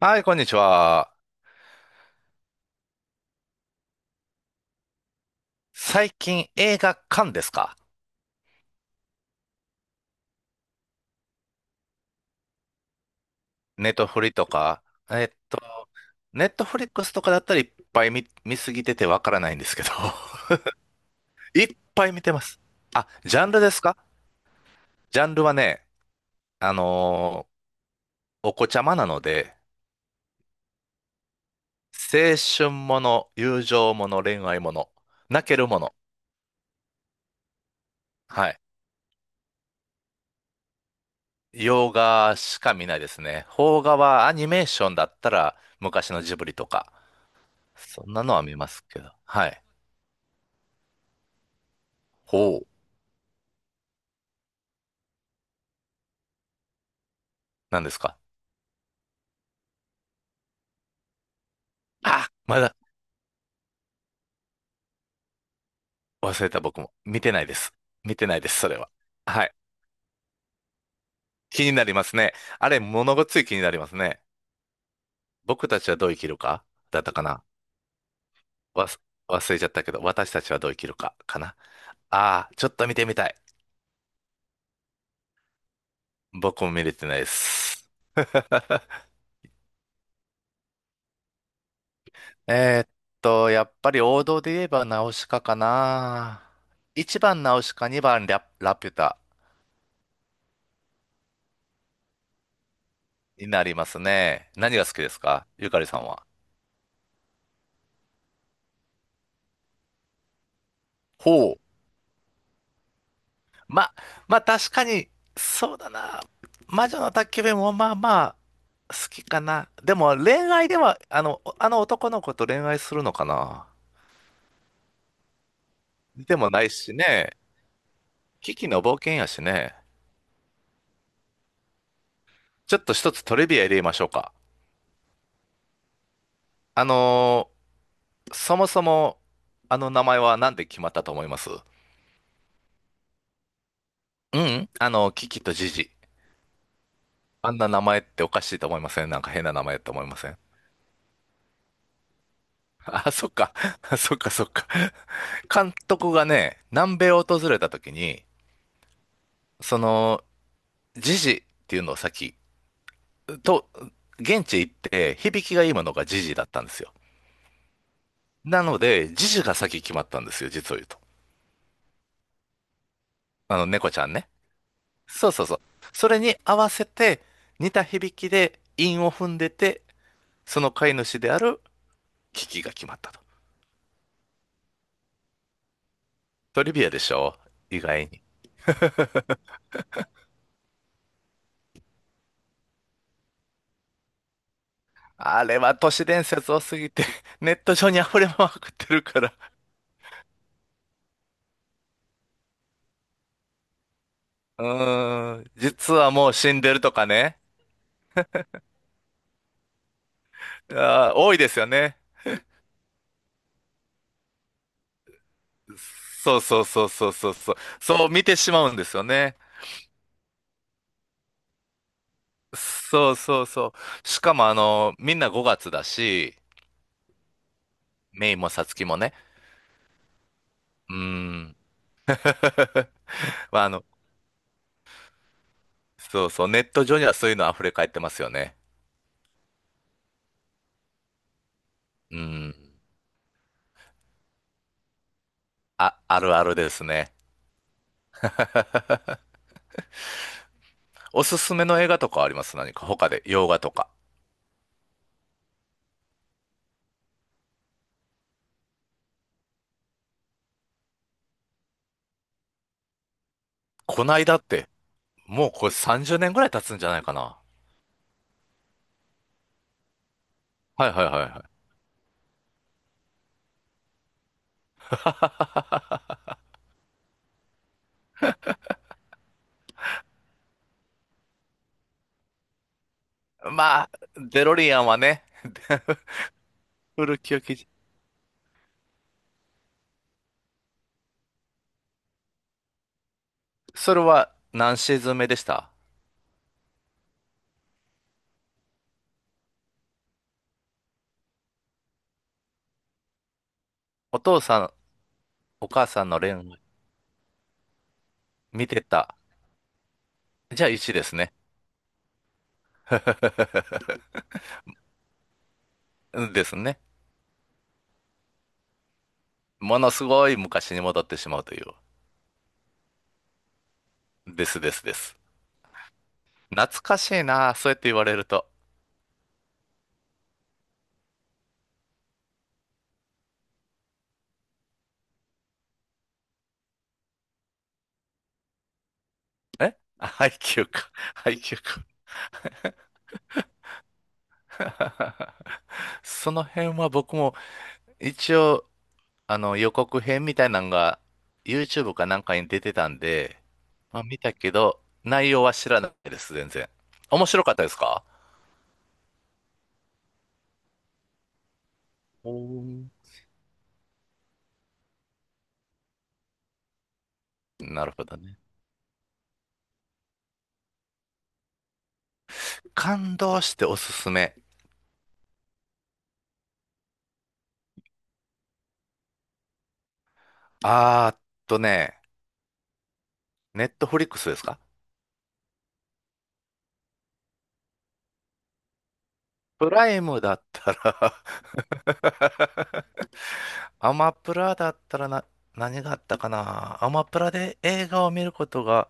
はい、こんにちは。最近映画館ですか？ネットフリとか。えっと、ネットフリックスとかだったらいっぱい見すぎててわからないんですけど。いっぱい見てます。あ、ジャンルですか？ジャンルはね、あのーお子ちゃまなので、青春もの、友情もの、恋愛もの、泣けるもの。はい。洋画しか見ないですね。邦画はアニメーションだったら昔のジブリとか、そんなのは見ますけど。はい。ほう。何ですか？あ、まだ忘れた僕も。見てないです。見てないです、それは。はい。気になりますね。あれ、物ごっつい気になりますね。僕たちはどう生きるかだったかな。わす、忘れちゃったけど、私たちはどう生きるかかな。ああ、ちょっと見てみたい。僕も見れてないです。えーっやっぱり王道で言えばナウシカかな。1番ナウシカ、2番ラピュタになりますね。何が好きですか、ゆかりさんは？ほう。ま、まあ確かに、そうだな。魔女の宅急便もまあまあ好きかな。でも恋愛では、あの男の子と恋愛するのかな。でもないしね。キキの冒険やしね。ちょっと一つトリビア入れましょうか。あのーそもそも、あの名前はなんで決まったと思います？うん、キキとジジ。あんな名前っておかしいと思いません？なんか変な名前って思いません？ あ、そっか。そっか、そっか。監督がね、南米を訪れた時に、その、ジジっていうのをと、現地行って響きがいいものがジジだったんですよ。なので、ジジが先決まったんですよ、実を言うと。猫ちゃんね。そうそうそう。それに合わせて、似た響きで韻を踏んでて、その飼い主であるキキが決まったと。トリビアでしょ？意外に。あれは都市伝説多すぎて、ネット上に溢れまくってるから。うーん、実はもう死んでるとかね。あー、多いですよね。そうそうそうそうそうそう。そう見てしまうんですよね。そうそうそう。しかもみんな5月だし、メイもサツキもね。うーん。まあ、そうそう。ネット上にはそういうの溢れ返ってますよね。うーん。あ、あるあるですね。おすすめの映画とかあります？何か他で、洋画とか。こないだって、もうこれ30年ぐらい経つんじゃないかな。はいはいはいはい。まあ、デロリアンはね、古き良き。それは何シーズン目でした？お父さん、お母さんの恋愛見てた。じゃあ1ですね。ですね。ものすごい昔に戻ってしまうという。ですですです。懐かしいな、そうやって言われると。配給か。配給か。その辺は僕も一応予告編みたいなのが YouTube かなんかに出てたんで、まあ見たけど、内容は知らないです、全然。面白かったですか？おー、なるほどね。感動しておすすめ。あーっとね、ネットフリックスですか？プライムだったら。 アマプラだったらな、何があったかな、アマプラで映画を見ることが、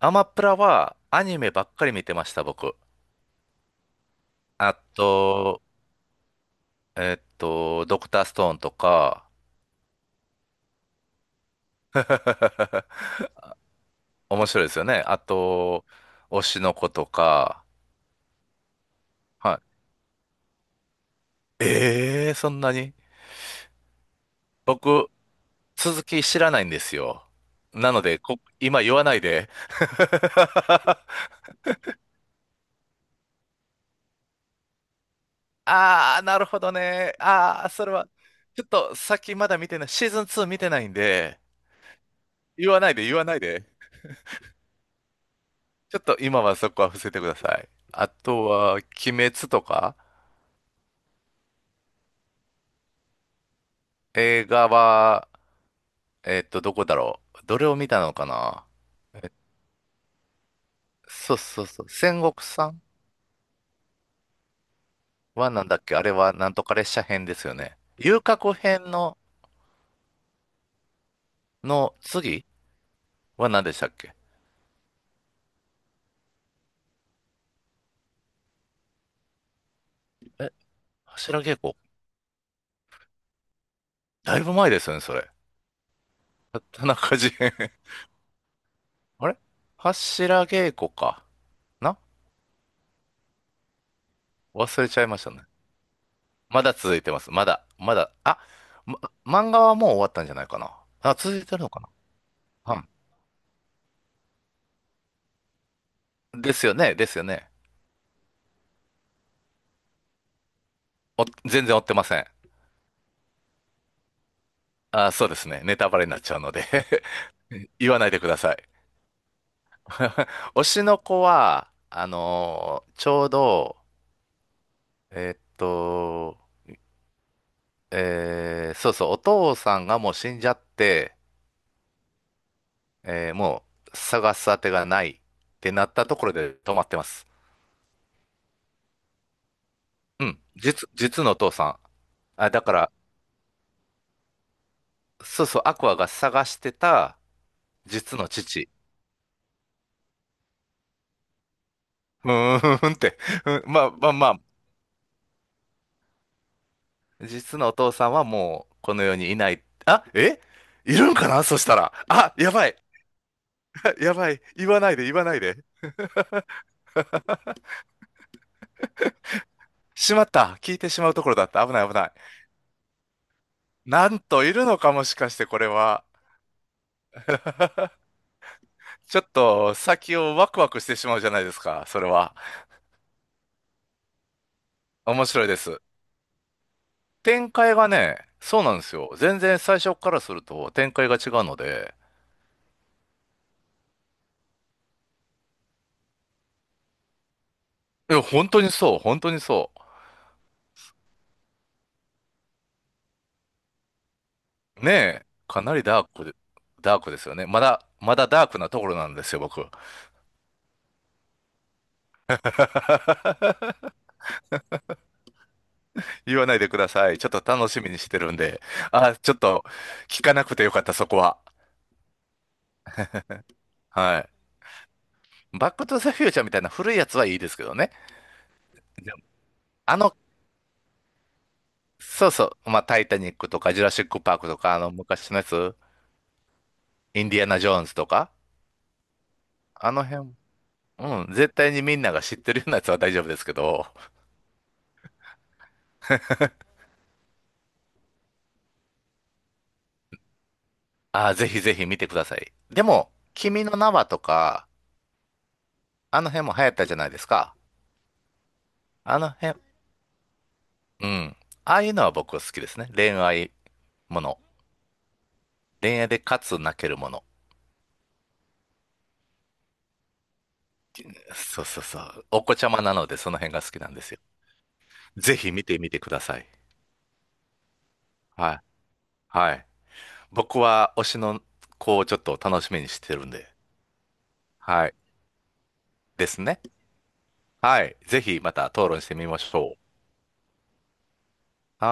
アマプラはアニメばっかり見てました、僕。あと、ドクターストーンとか、面白いですよね。あと、推しの子とか、はい。ええー、そんなに？僕、続き知らないんですよ。なので、今言わないで。ああ、なるほどね。ああ、それは、ちょっと先まだ見てない、シーズン2見てないんで、言わないで、言わないで。ちょっと今はそこは伏せてください。あとは、鬼滅とか、映画はどこだろう。どれを見たのかな？え、そうそうそう。戦国さんはなんだっけ？あれはなんとか列車編ですよね。遊郭編の次は何でしたっけ？え、柱稽古だいぶ前ですよね、それ。田中事変。 あれ柱稽古か。な忘れちゃいましたね。まだ続いてます。まだ、まだ。あ、ま、漫画はもう終わったんじゃないかな。あ、続いてるのかな？はい。ですよね、ですよね。お、全然追ってません。あ、そうですね。ネタバレになっちゃうので。 言わないでください。推しの子は、ちょうど、えーっと、そうそう、お父さんがもう死んじゃって、もう探す当てがないってなったところで止まってます。うん、実のお父さん。あ、だから、そうそう、アクアが探してた実の父。うーんって。うん、まあまあまあ、実のお父さんはもうこの世にいない。あ、え、いるんかなそしたら。あ、やばい。やばい。言わないで、言わないで。しまった。聞いてしまうところだった。危ない、危ない。なんと、いるのか、もしかしてこれは。ちょっと先をワクワクしてしまうじゃないですか。それは。面白いです。展開がね、そうなんですよ。全然最初からすると展開が違うので。いや、本当にそう、本当にそう。ねえ、かなりダークで、ダークですよね。まだ、まだダークなところなんですよ、僕。言わないでください。ちょっと楽しみにしてるんで。あ、ちょっと聞かなくてよかった、そこは。はい。バックトゥザフューチャーみたいな古いやつはいいですけどね。じゃあの、そうそう、まあ、タイタニックとか、ジュラシックパークとか、昔のやつ、インディアナ・ジョーンズとか、あの辺、うん、絶対にみんなが知ってるようなやつは大丈夫ですけど、あ、ぜひぜひ見てください。でも、君の名はとか、あの辺も流行ったじゃないですか。あの辺、うん。ああいうのは僕好きですね。恋愛もの。恋愛でかつ泣けるもの。そうそうそう。お子ちゃまなのでその辺が好きなんですよ。ぜひ見てみてください。はい。はい。僕は推しの子をちょっと楽しみにしてるんで。はい。ですね。はい。ぜひまた討論してみましょう。はい。